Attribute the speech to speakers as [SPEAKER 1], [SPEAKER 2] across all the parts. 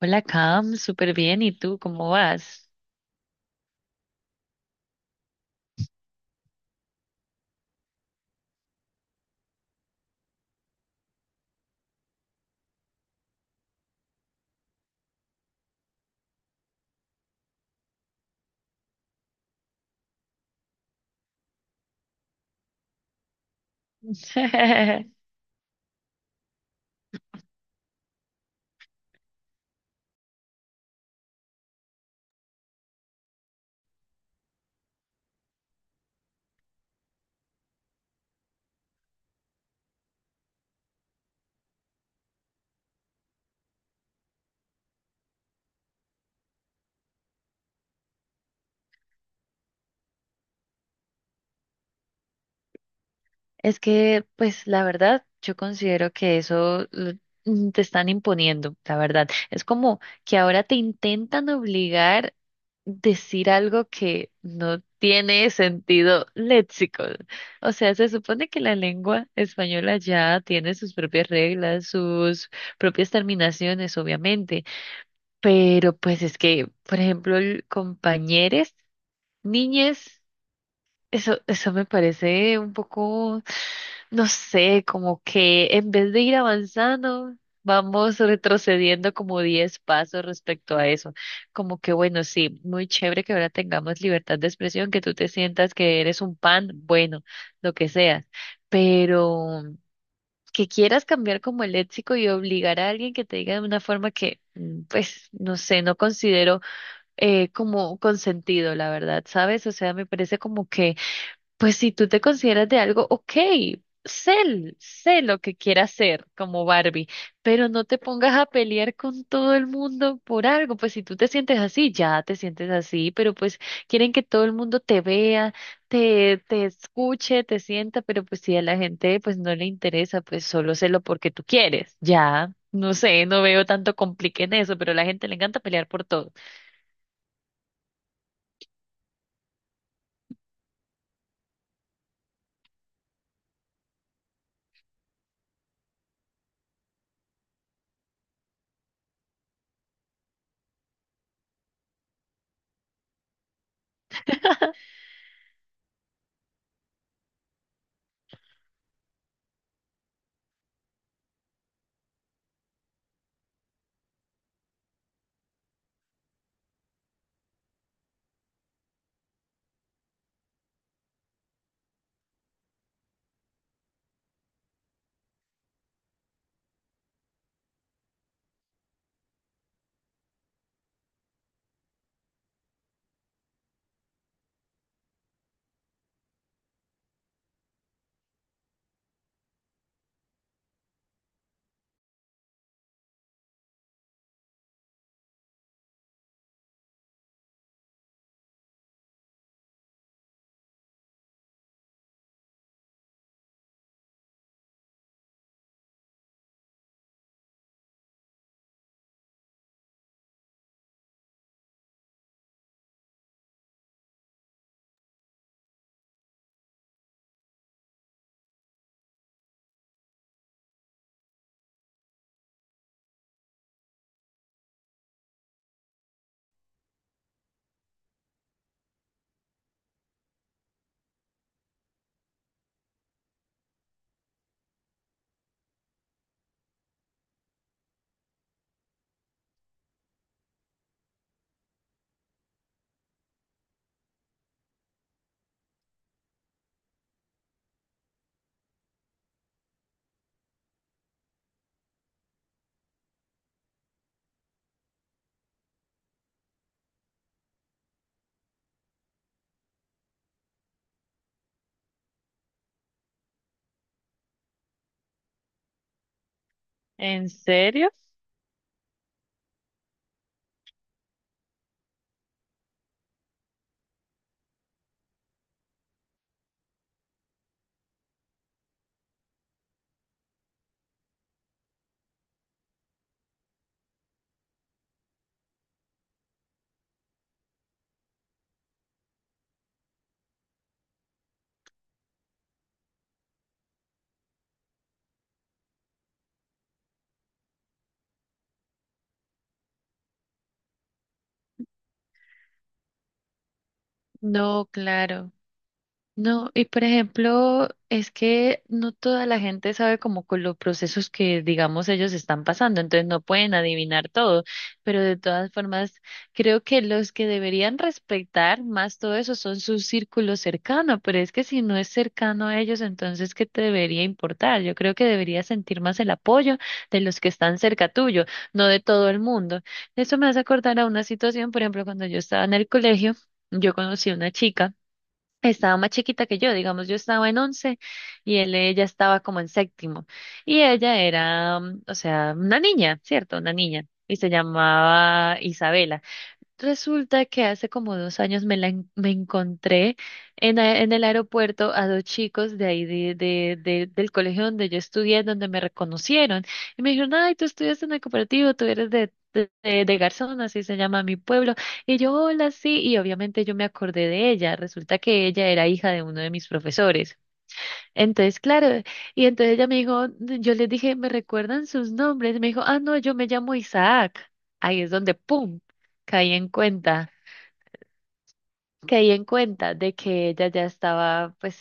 [SPEAKER 1] Hola, Cam, súper bien. ¿Y tú cómo vas? Es que, pues, la verdad, yo considero que eso te están imponiendo, la verdad. Es como que ahora te intentan obligar decir algo que no tiene sentido léxico. O sea, se supone que la lengua española ya tiene sus propias reglas, sus propias terminaciones, obviamente. Pero, pues, es que, por ejemplo, el compañeres, niñes. Eso me parece un poco, no sé, como que en vez de ir avanzando, vamos retrocediendo como 10 pasos respecto a eso. Como que, bueno, sí, muy chévere que ahora tengamos libertad de expresión, que tú te sientas que eres un pan, bueno, lo que seas, pero que quieras cambiar como el léxico y obligar a alguien que te diga de una forma que, pues, no sé, no considero como consentido, la verdad, ¿sabes? O sea, me parece como que pues si tú te consideras de algo, ok, sé, sé lo que quieras ser como Barbie, pero no te pongas a pelear con todo el mundo por algo. Pues si tú te sientes así, ya te sientes así, pero pues quieren que todo el mundo te vea, te escuche, te sienta, pero pues si a la gente pues no le interesa, pues solo sélo porque tú quieres. Ya, no sé, no veo tanto complique en eso, pero a la gente le encanta pelear por todo. ¿En serio? No, claro. No, y por ejemplo, es que no toda la gente sabe como con los procesos que, digamos, ellos están pasando, entonces no pueden adivinar todo, pero de todas formas, creo que los que deberían respetar más todo eso son su círculo cercano, pero es que si no es cercano a ellos, entonces, ¿qué te debería importar? Yo creo que deberías sentir más el apoyo de los que están cerca tuyo, no de todo el mundo. Eso me hace acordar a una situación, por ejemplo, cuando yo estaba en el colegio, yo conocí a una chica. Estaba más chiquita que yo, digamos, yo estaba en 11 y ella estaba como en séptimo. Y ella era, o sea, una niña, ¿cierto? Una niña. Y se llamaba Isabela. Resulta que hace como 2 años me encontré en el aeropuerto a dos chicos de ahí del colegio donde yo estudié, donde me reconocieron. Y me dijeron, ay, tú estudias en el cooperativo, tú eres de Garzón, así se llama mi pueblo. Y yo, hola, sí. Y obviamente yo me acordé de ella. Resulta que ella era hija de uno de mis profesores. Entonces, claro, y entonces ella me dijo, yo les dije, ¿me recuerdan sus nombres? Y me dijo, ah, no, yo me llamo Isaac. Ahí es donde, ¡pum!, caí en cuenta caí en cuenta de que ella ya estaba, pues,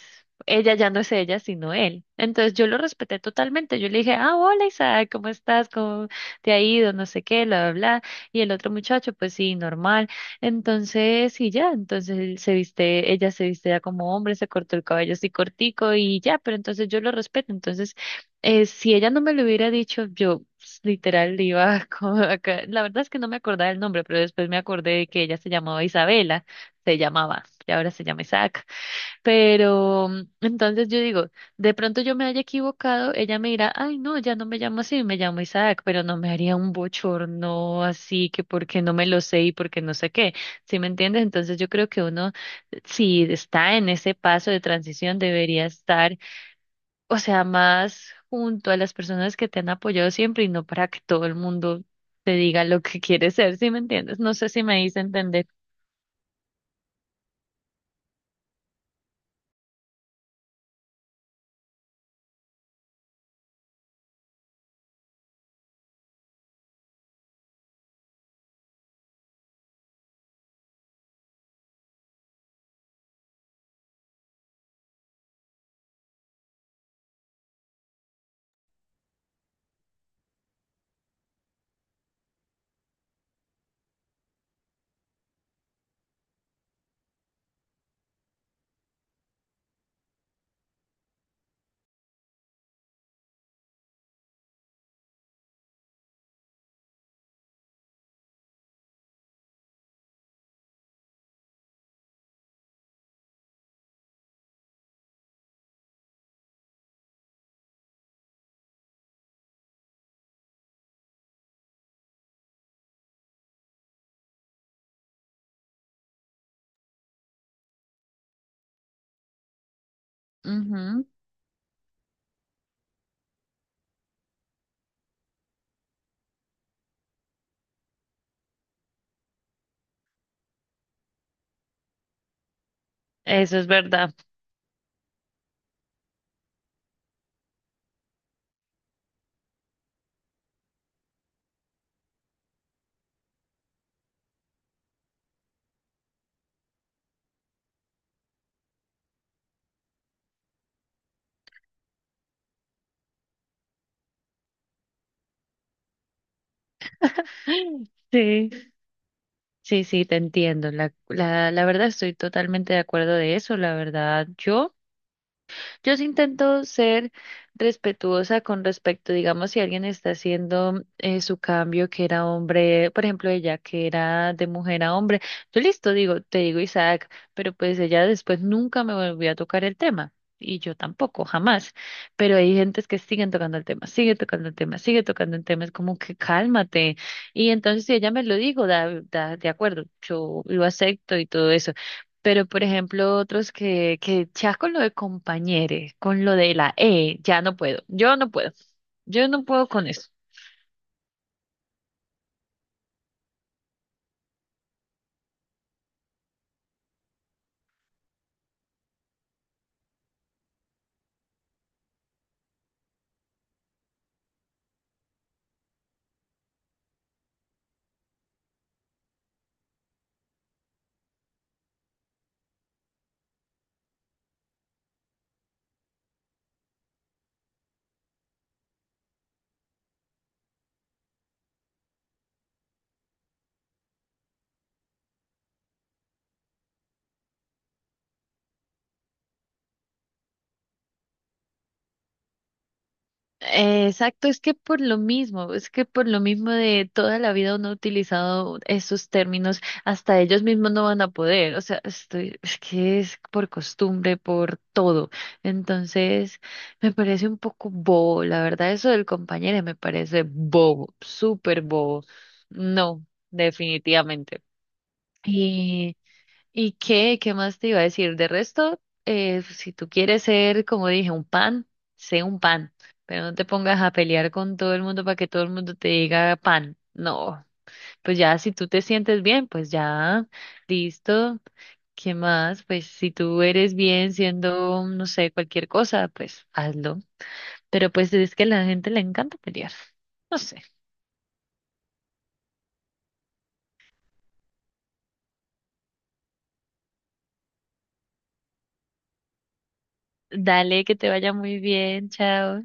[SPEAKER 1] ella ya no es ella, sino él. Entonces yo lo respeté totalmente. Yo le dije, ah, hola Isaac, ¿cómo estás? ¿Cómo te ha ido? No sé qué, bla, bla, bla. Y el otro muchacho, pues sí, normal. Entonces, y ya, entonces él se viste, ella se viste ya como hombre, se cortó el cabello así cortico y ya, pero entonces yo lo respeto. Entonces, si ella no me lo hubiera dicho, yo pues, literal, iba como acá. La verdad es que no me acordaba el nombre, pero después me acordé de que ella se llamaba Isabela se llamaba, y ahora se llama Isaac. Pero entonces yo digo, de pronto yo me haya equivocado, ella me dirá, ay, no, ya no me llamo así, me llamo Isaac, pero no me haría un bochorno así que porque no me lo sé y porque no sé qué, ¿sí me entiendes? Entonces yo creo que uno, si está en ese paso de transición, debería estar, o sea, más junto a las personas que te han apoyado siempre y no para que todo el mundo te diga lo que quieres ser, ¿sí me entiendes? No sé si me hice entender. Ujú. Eso es verdad. Sí, sí, sí, te entiendo. La verdad estoy totalmente de acuerdo de eso. La verdad, yo. Yo sí intento ser respetuosa con respecto, digamos, si alguien está haciendo su cambio, que era hombre, por ejemplo, ella que era de mujer a hombre, yo listo, digo, te digo Isaac, pero pues ella después nunca me volvió a tocar el tema. Y yo tampoco, jamás. Pero hay gentes que siguen tocando el tema, sigue tocando el tema, sigue tocando el tema. Es como que cálmate. Y entonces si ella me lo digo, de acuerdo, yo lo acepto y todo eso, pero, por ejemplo, otros que, ya con lo de compañeros, con lo de la E, ya no puedo. Yo no puedo. Yo no puedo con eso. Exacto, es que por lo mismo, es que por lo mismo de toda la vida uno ha utilizado esos términos, hasta ellos mismos no van a poder. O sea, estoy, es que es por costumbre, por todo. Entonces, me parece un poco bobo. La verdad, eso del compañero me parece bobo, súper bobo. No, definitivamente. ¿Y, qué, más te iba a decir? De resto, pues, si tú quieres ser, como dije, un pan, sé un pan, pero no te pongas a pelear con todo el mundo para que todo el mundo te diga pan. No, pues ya si tú te sientes bien, pues ya, listo. ¿Qué más? Pues si tú eres bien siendo, no sé, cualquier cosa, pues hazlo. Pero pues es que a la gente le encanta pelear. No sé. Dale, que te vaya muy bien. Chao.